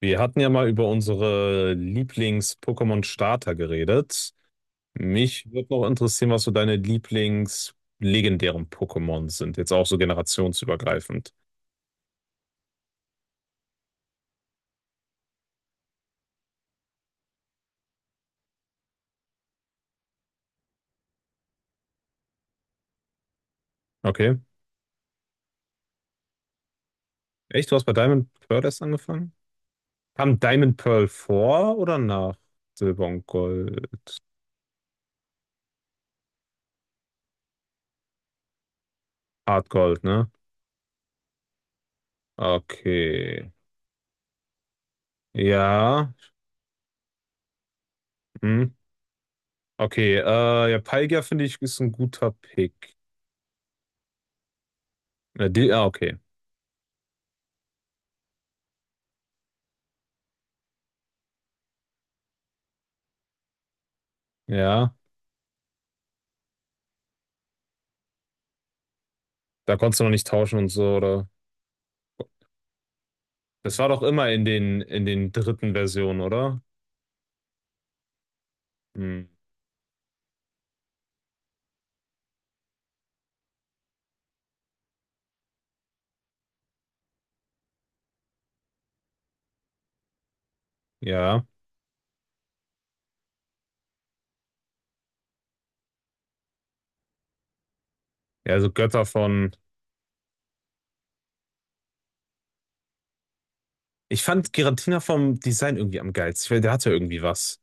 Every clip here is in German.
Wir hatten ja mal über unsere Lieblings-Pokémon-Starter geredet. Mich würde noch interessieren, was so deine Lieblings-legendären Pokémon sind. Jetzt auch so generationsübergreifend. Okay. Echt? Du hast bei Diamond Pearl erst angefangen? Kam Diamond Pearl vor oder nach Silber und Gold? Hard Gold, ne? Okay. Ja. Hm. Okay. Ja, Palkia finde ich ist ein guter Pick. Ah, okay. Ja. Da konntest du noch nicht tauschen und so, oder? Das war doch immer in den dritten Versionen, oder? Hm, ja. Ja, also Götter von. Ich fand Giratina vom Design irgendwie am geilsten. Ich weiß, der hatte irgendwie was.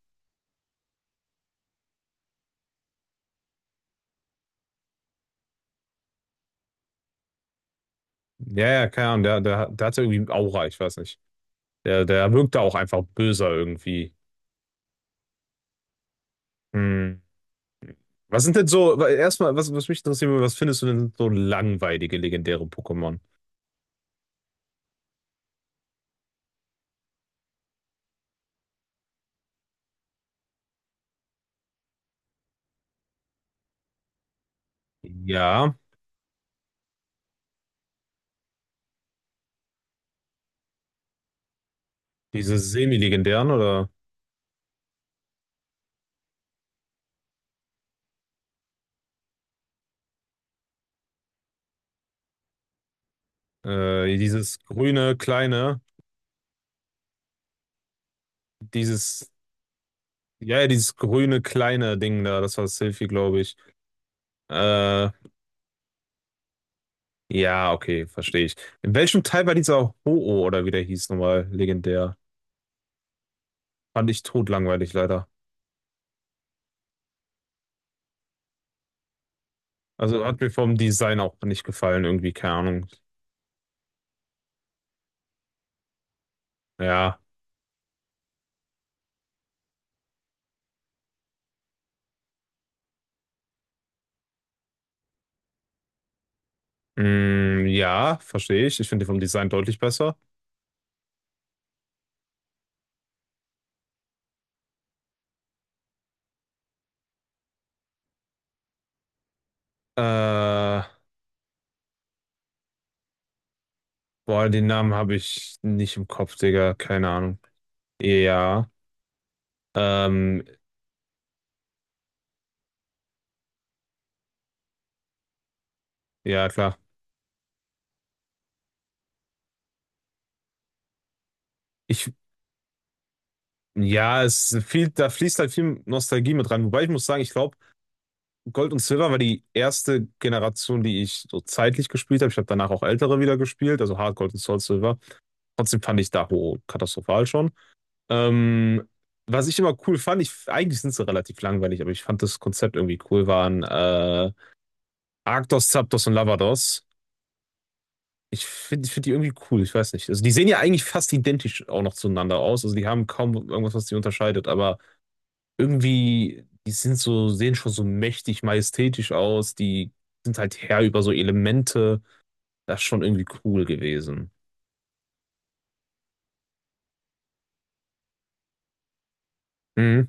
Ja, ja, keine Ahnung. Der hatte irgendwie Aura, ich weiß nicht. Der wirkte auch einfach böser irgendwie. Hm. Was sind denn so, weil erstmal, was, was mich interessieren würde, was findest du denn so langweilige, legendäre Pokémon? Ja, diese semi-legendären oder dieses grüne, kleine, dieses Ja, ja, dieses grüne kleine Ding da, das war Sylphie, glaube ich. Äh, ja, okay, verstehe ich. In welchem Teil war dieser Ho-Oh oder wie der hieß nochmal legendär? Fand ich totlangweilig leider. Also hat mir vom Design auch nicht gefallen, irgendwie, keine Ahnung. Ja, mm, ja, verstehe ich. Ich finde den vom Design deutlich besser. Äh, Boah, den Namen habe ich nicht im Kopf, Digga, keine Ahnung. Ja, ähm, ja, klar. Ich, ja, es ist viel, da fließt halt viel Nostalgie mit rein. Wobei ich muss sagen, ich glaube, Gold und Silver war die erste Generation, die ich so zeitlich gespielt habe. Ich habe danach auch ältere wieder gespielt, also Hard Gold und Soul Silver. Trotzdem fand ich Daho katastrophal schon. Ähm, was ich immer cool fand, ich, eigentlich sind sie relativ langweilig, aber ich fand das Konzept irgendwie cool, waren Arctos, Zapdos und Lavados. Ich find die irgendwie cool, ich weiß nicht. Also die sehen ja eigentlich fast identisch auch noch zueinander aus. Also die haben kaum irgendwas, was die unterscheidet, aber irgendwie, die sind so, sehen schon so mächtig majestätisch aus, die sind halt Herr über so Elemente. Das ist schon irgendwie cool gewesen. Mhm.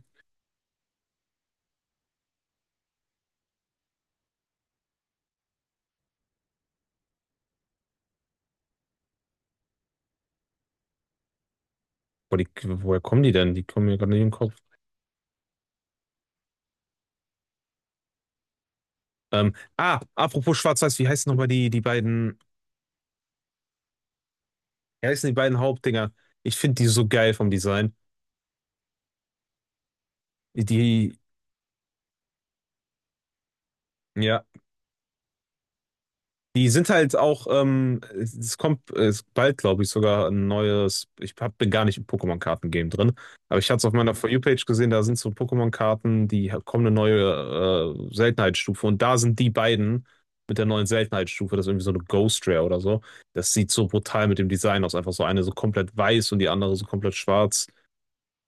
Wo die, woher kommen die denn? Die kommen mir gerade nicht in den Kopf. Ah, apropos Schwarz-Weiß, wie heißen nochmal die beiden, wie heißen die beiden Hauptdinger? Ich finde die so geil vom Design. Die, ja. Die sind halt auch, es kommt es bald, glaube ich, sogar ein neues. Ich hab, bin gar nicht im Pokémon-Karten-Game drin, aber ich hatte es auf meiner For You-Page gesehen, da sind so Pokémon-Karten, die ha- kommen eine neue Seltenheitsstufe und da sind die beiden mit der neuen Seltenheitsstufe, das ist irgendwie so eine Ghost Rare oder so. Das sieht so brutal mit dem Design aus, einfach so eine so komplett weiß und die andere so komplett schwarz.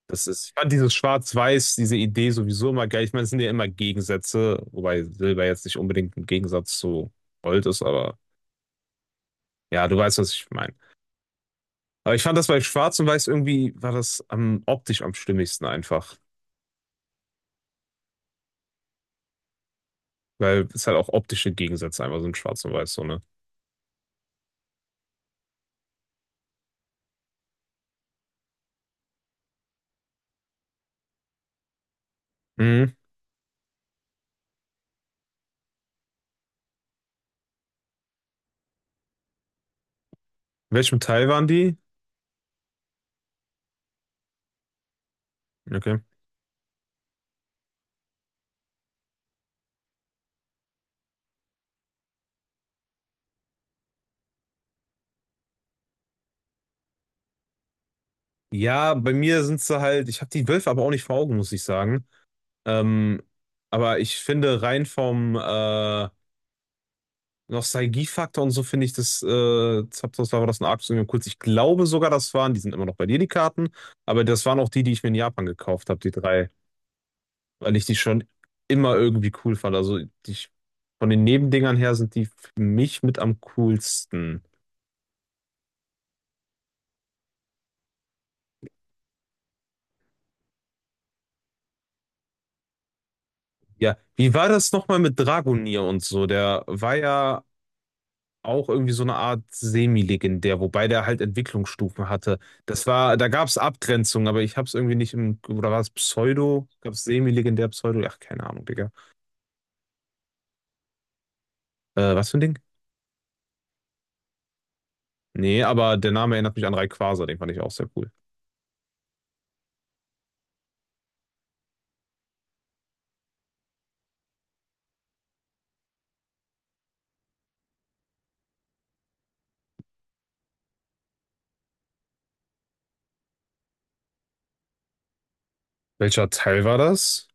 Das ist, ich fand dieses Schwarz-Weiß, diese Idee sowieso immer geil. Ich meine, es sind ja immer Gegensätze, wobei Silber jetzt nicht unbedingt ein Gegensatz zu Gold ist, aber. Ja, du weißt, was ich meine. Aber ich fand das bei Schwarz und Weiß irgendwie war das am optisch am stimmigsten einfach. Weil es halt auch optische Gegensätze einfach sind, Schwarz und Weiß, so, ne? Mhm. In welchem Teil waren die? Okay. Ja, bei mir sind sie halt, ich habe die Wölfe aber auch nicht vor Augen, muss ich sagen. Ähm, aber ich finde rein vom Nostalgiefaktor und so finde ich das, Zapdos war das ein Arc Union kurz. Ich glaube sogar, das waren, die sind immer noch bei dir, die Karten, aber das waren auch die, die ich mir in Japan gekauft habe, die drei. Weil ich die schon immer irgendwie cool fand. Also die, von den Nebendingern her sind die für mich mit am coolsten. Ja, wie war das nochmal mit Dragonier und so? Der war ja auch irgendwie so eine Art semi-legendär, wobei der halt Entwicklungsstufen hatte. Das war, da gab es Abgrenzungen, aber ich hab's irgendwie nicht im, oder war es Pseudo? Gab es semi-legendär Pseudo? Ach, keine Ahnung, Digga. Was für ein Ding? Nee, aber der Name erinnert mich an Rayquaza, den fand ich auch sehr cool. Welcher Teil war das?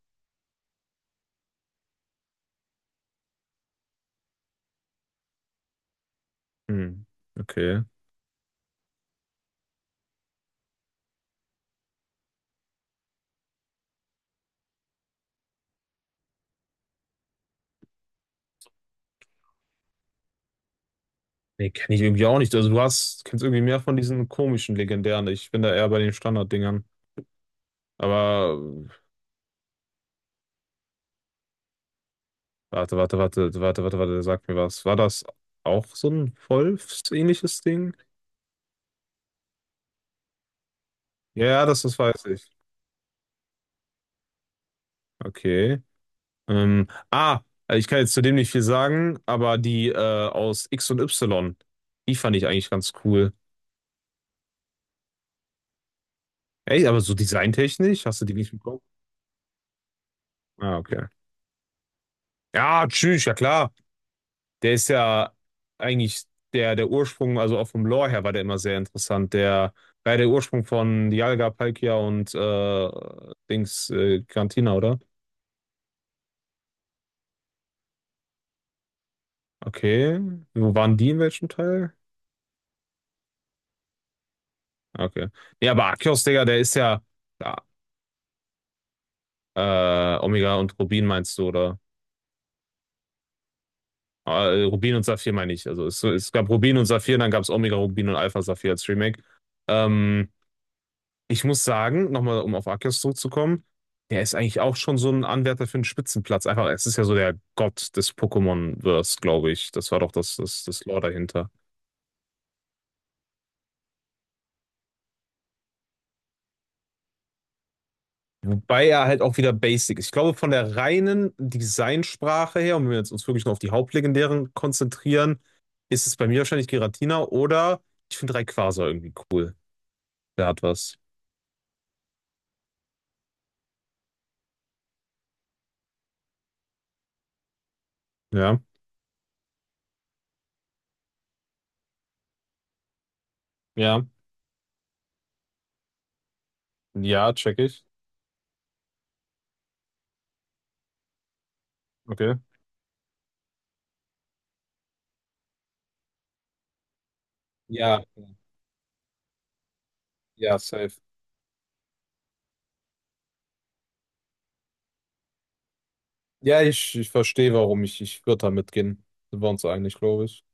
Hm, okay. Nee, kenne ich irgendwie auch nicht. Also du hast, kennst irgendwie mehr von diesen komischen legendären. Ich bin da eher bei den Standarddingern. Aber äh, warte, warte, warte, warte, warte, warte, sag mir was. War das auch so ein Wolfsähnliches Ding? Ja, ja, das, das weiß ich. Okay. Ah, also ich kann jetzt zu dem nicht viel sagen, aber die aus X und Y, die fand ich eigentlich ganz cool. Ey, aber so designtechnisch, hast du die nicht bekommen? Ah, okay. Ja, tschüss, ja klar. Der ist ja eigentlich der, der Ursprung, also auch vom Lore her war der immer sehr interessant. Der war ja der Ursprung von Dialga, Palkia und Dings Giratina, oder? Okay. Wo waren die in welchem Teil? Okay. Ja, aber Arceus, Digga, der ist ja, ja Omega und Rubin meinst du, oder? Ah, Rubin und Saphir meine ich. Also es gab Rubin und Saphir, dann gab es Omega, Rubin und Alpha Saphir als Remake. Ähm, Ich muss sagen, nochmal, um auf Arceus zurückzukommen, der ist eigentlich auch schon so ein Anwärter für einen Spitzenplatz. Einfach, es ist ja so der Gott des Pokémon-Verse, glaube ich. Das war doch das, das Lore dahinter. Wobei er halt auch wieder basic ist. Ich glaube, von der reinen Designsprache her, und wenn wir jetzt uns wirklich nur auf die Hauptlegendären konzentrieren, ist es bei mir wahrscheinlich Giratina oder ich finde Rayquaza irgendwie cool. Der hat was. Ja, ja, ja, check ich. Okay. Ja, ja, safe. Ja, ich verstehe, warum ich würde da mitgehen. Sind wir uns eigentlich, glaube ich.